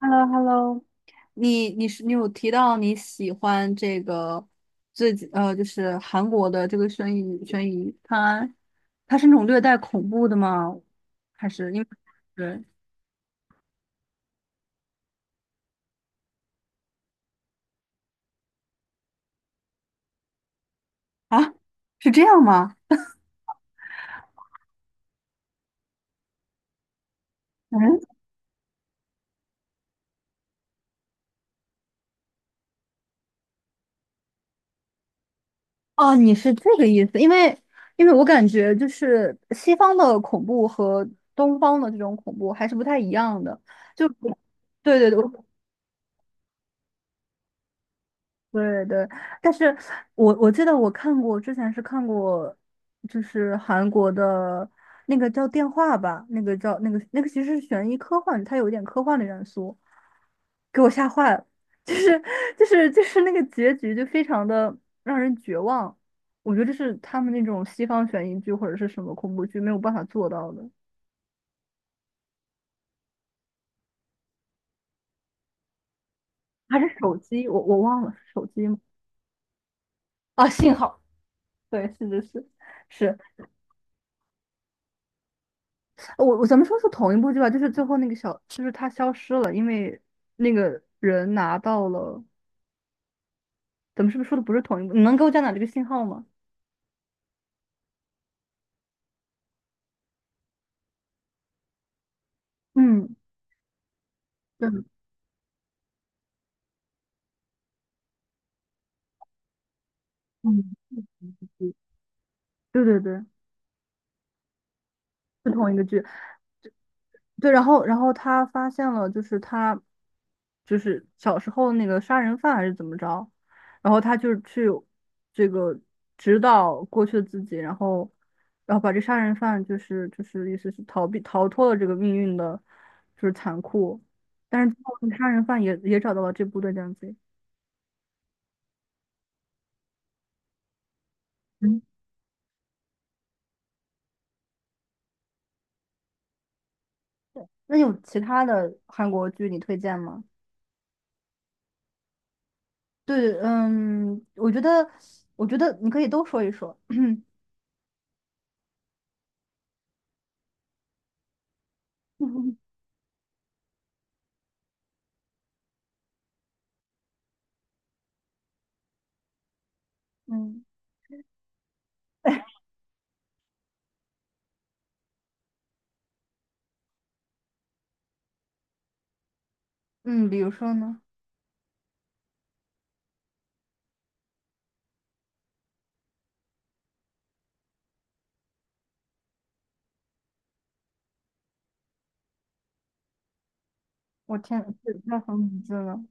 h e l l o h e l l o。 你有提到你喜欢这个最近就是韩国的这个悬疑探案，它是那种略带恐怖的吗？还是因为对啊，是这样吗？嗯。哦，你是这个意思，因为我感觉就是西方的恐怖和东方的这种恐怖还是不太一样的，就对对对，我。对对，但是记得我看过，之前是看过，就是韩国的那个叫电话吧，那个叫那个其实是悬疑科幻，它有一点科幻的元素，给我吓坏了，就是就是那个结局就非常的让人绝望，我觉得这是他们那种西方悬疑剧或者是什么恐怖剧没有办法做到的，还是手机，忘了是手机吗？啊，信号，对，是是是是，咱们说是同一部剧吧，就是最后那个小，就是他消失了，因为那个人拿到了，咱们是不是说的不是同一部？你能给我讲讲这个信号吗？嗯，对，嗯，对对对，是同一个剧。对，然后他发现了，就是他就是小时候那个杀人犯还是怎么着，然后他就去这个指导过去的自己，然后把这杀人犯就是意思是逃脱了这个命运的，就是残酷，但是最后杀人犯也找到了这部队这样子。嗯，对，那有其他的韩国剧你推荐吗？对，嗯，我觉得你可以都说一说。嗯。嗯，嗯，比如说呢？我天，这叫什么名字呢？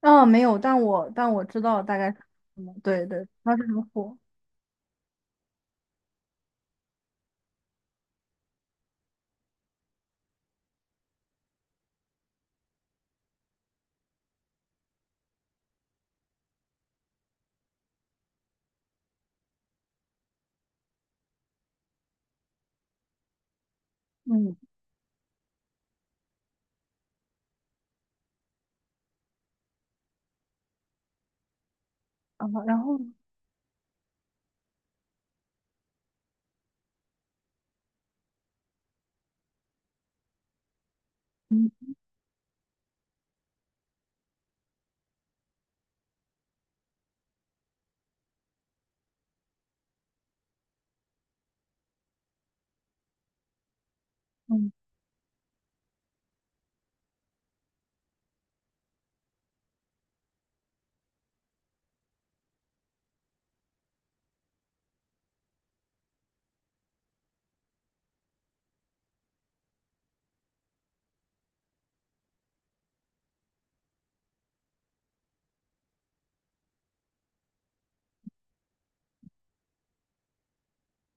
啊，没有，但我知道大概是什么。对对，他是很火。嗯，啊，然后嗯嗯，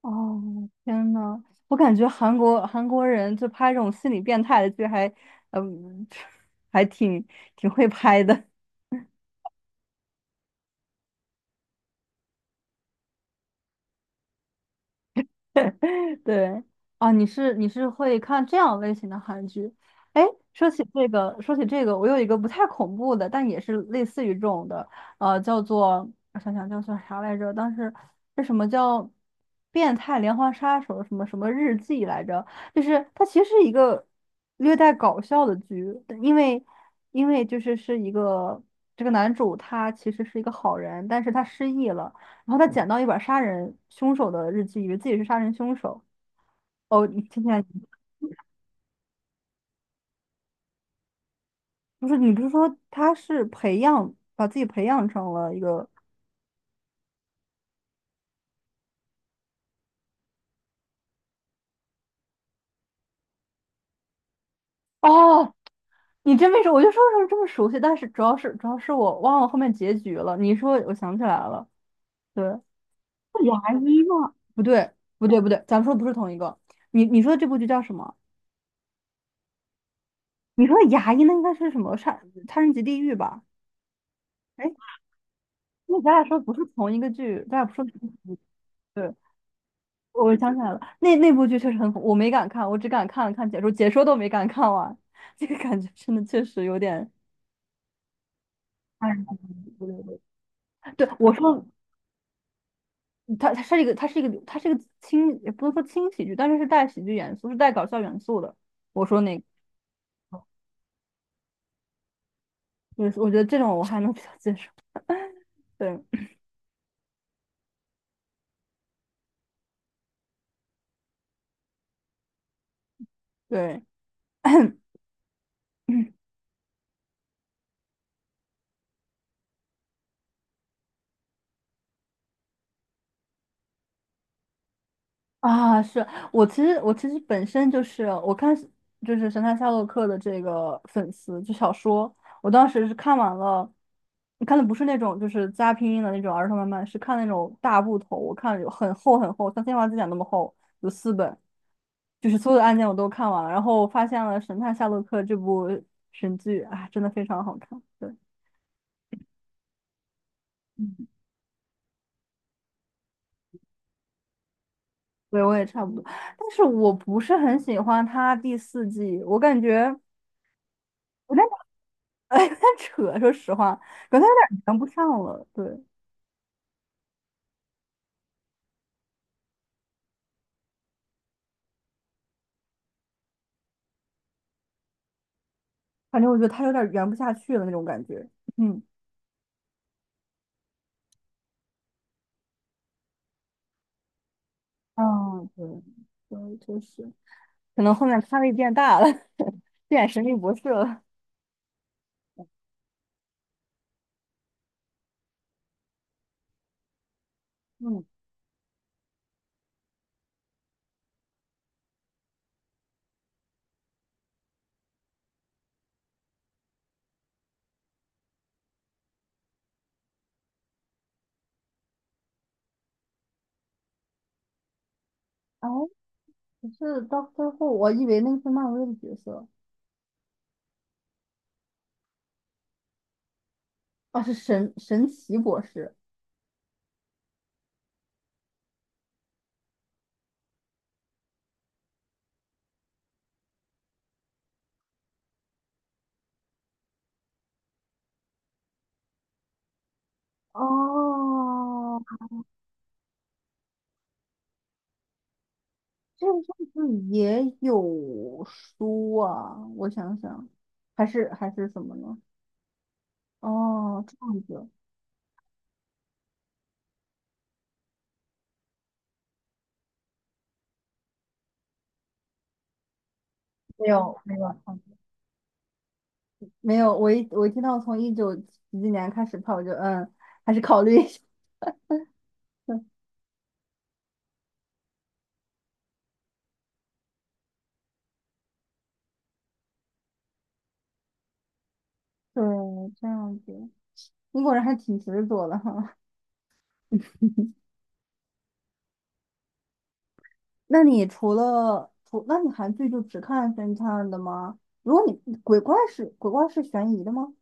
哦，天呐，我感觉韩国人就拍这种心理变态的剧还，嗯，还挺会拍的。对，啊，你是会看这样类型的韩剧？哎，说起这个，说起这个，我有一个不太恐怖的，但也是类似于这种的，叫做我想想叫做啥来着？当时是什么叫变态连环杀手什么什么日记来着？就是它其实是一个略带搞笑的剧，但因为就是是一个这个男主他其实是一个好人，但是他失忆了。然后他捡到一本杀人凶手的日记，以为自己是杀人凶手，哦，你听起来不是你不是说他是把自己培养成了一个。哦，你真没说，我就说为什么这么熟悉，但是主要是我忘了后面结局了。你一说，我想起来了，对，是牙医吗？不对，不对，不对，咱们说的不是同一个。你说的这部剧叫什么？你说的牙医那应该是什么杀人及地狱吧？哎，那咱俩说的不是同一个剧，咱俩不说的是同一个剧。对。我想起来了，那部剧确实很恐，我没敢看，我只敢看了看解说，解说都没敢看完，这个感觉真的确实有点。哎对对对，对我说，它是一个轻，也不能说轻喜剧，但是是带喜剧元素，是带搞笑元素的。我说那个，就是我觉得这种我还能比较接受。对对，啊，是我其实本身就是我看就是《神探夏洛克》的这个粉丝，就小说，我当时是看完了，看的不是那种就是加拼音的那种儿童漫，是看那种大部头，我看了有很厚很厚，像新华字典那么厚，有四本，就是所有的案件我都看完了，然后我发现了《神探夏洛克》这部神剧，啊，真的非常好看，对。嗯，对，我也差不多，但是我不是很喜欢他第四季，我感觉。我 哎，有点扯，说实话，感觉他有点圆不上了。对，反正我觉得他有点圆不下去了那种感觉。嗯，啊，对，对，确实。可能后面咖位变大了，变神秘博士了。嗯，哎，可是到最后，我以为那个是漫威的角色。哦，是神神奇博士。哦，这个上次也有书啊，我想想，还是什么呢？哦，这样子。没有没有。嗯，没有，我一听到从一九几几年开始跑我就嗯，还是考虑一下。对，这样子，英国人还挺执着的哈。那你除了除，那你韩剧就只看侦探的吗？如果你鬼怪是悬疑的吗？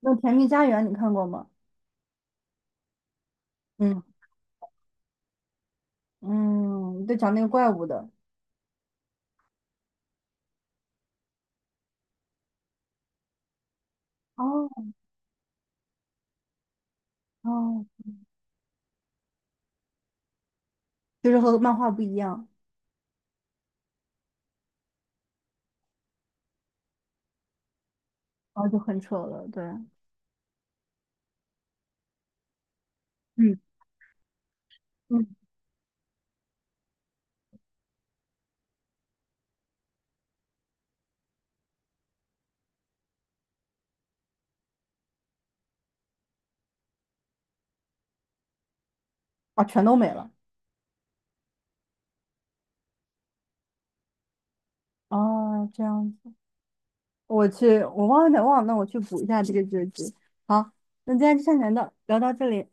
那《甜蜜家园》你看过吗？嗯嗯，就讲那个怪物的。哦哦，就是和漫画不一样，然后就很扯了。对，嗯嗯，啊，全都没了。哦，这样子。我去，我忘了，忘了，那我去补一下这个知识。好，那今天就先聊到这里。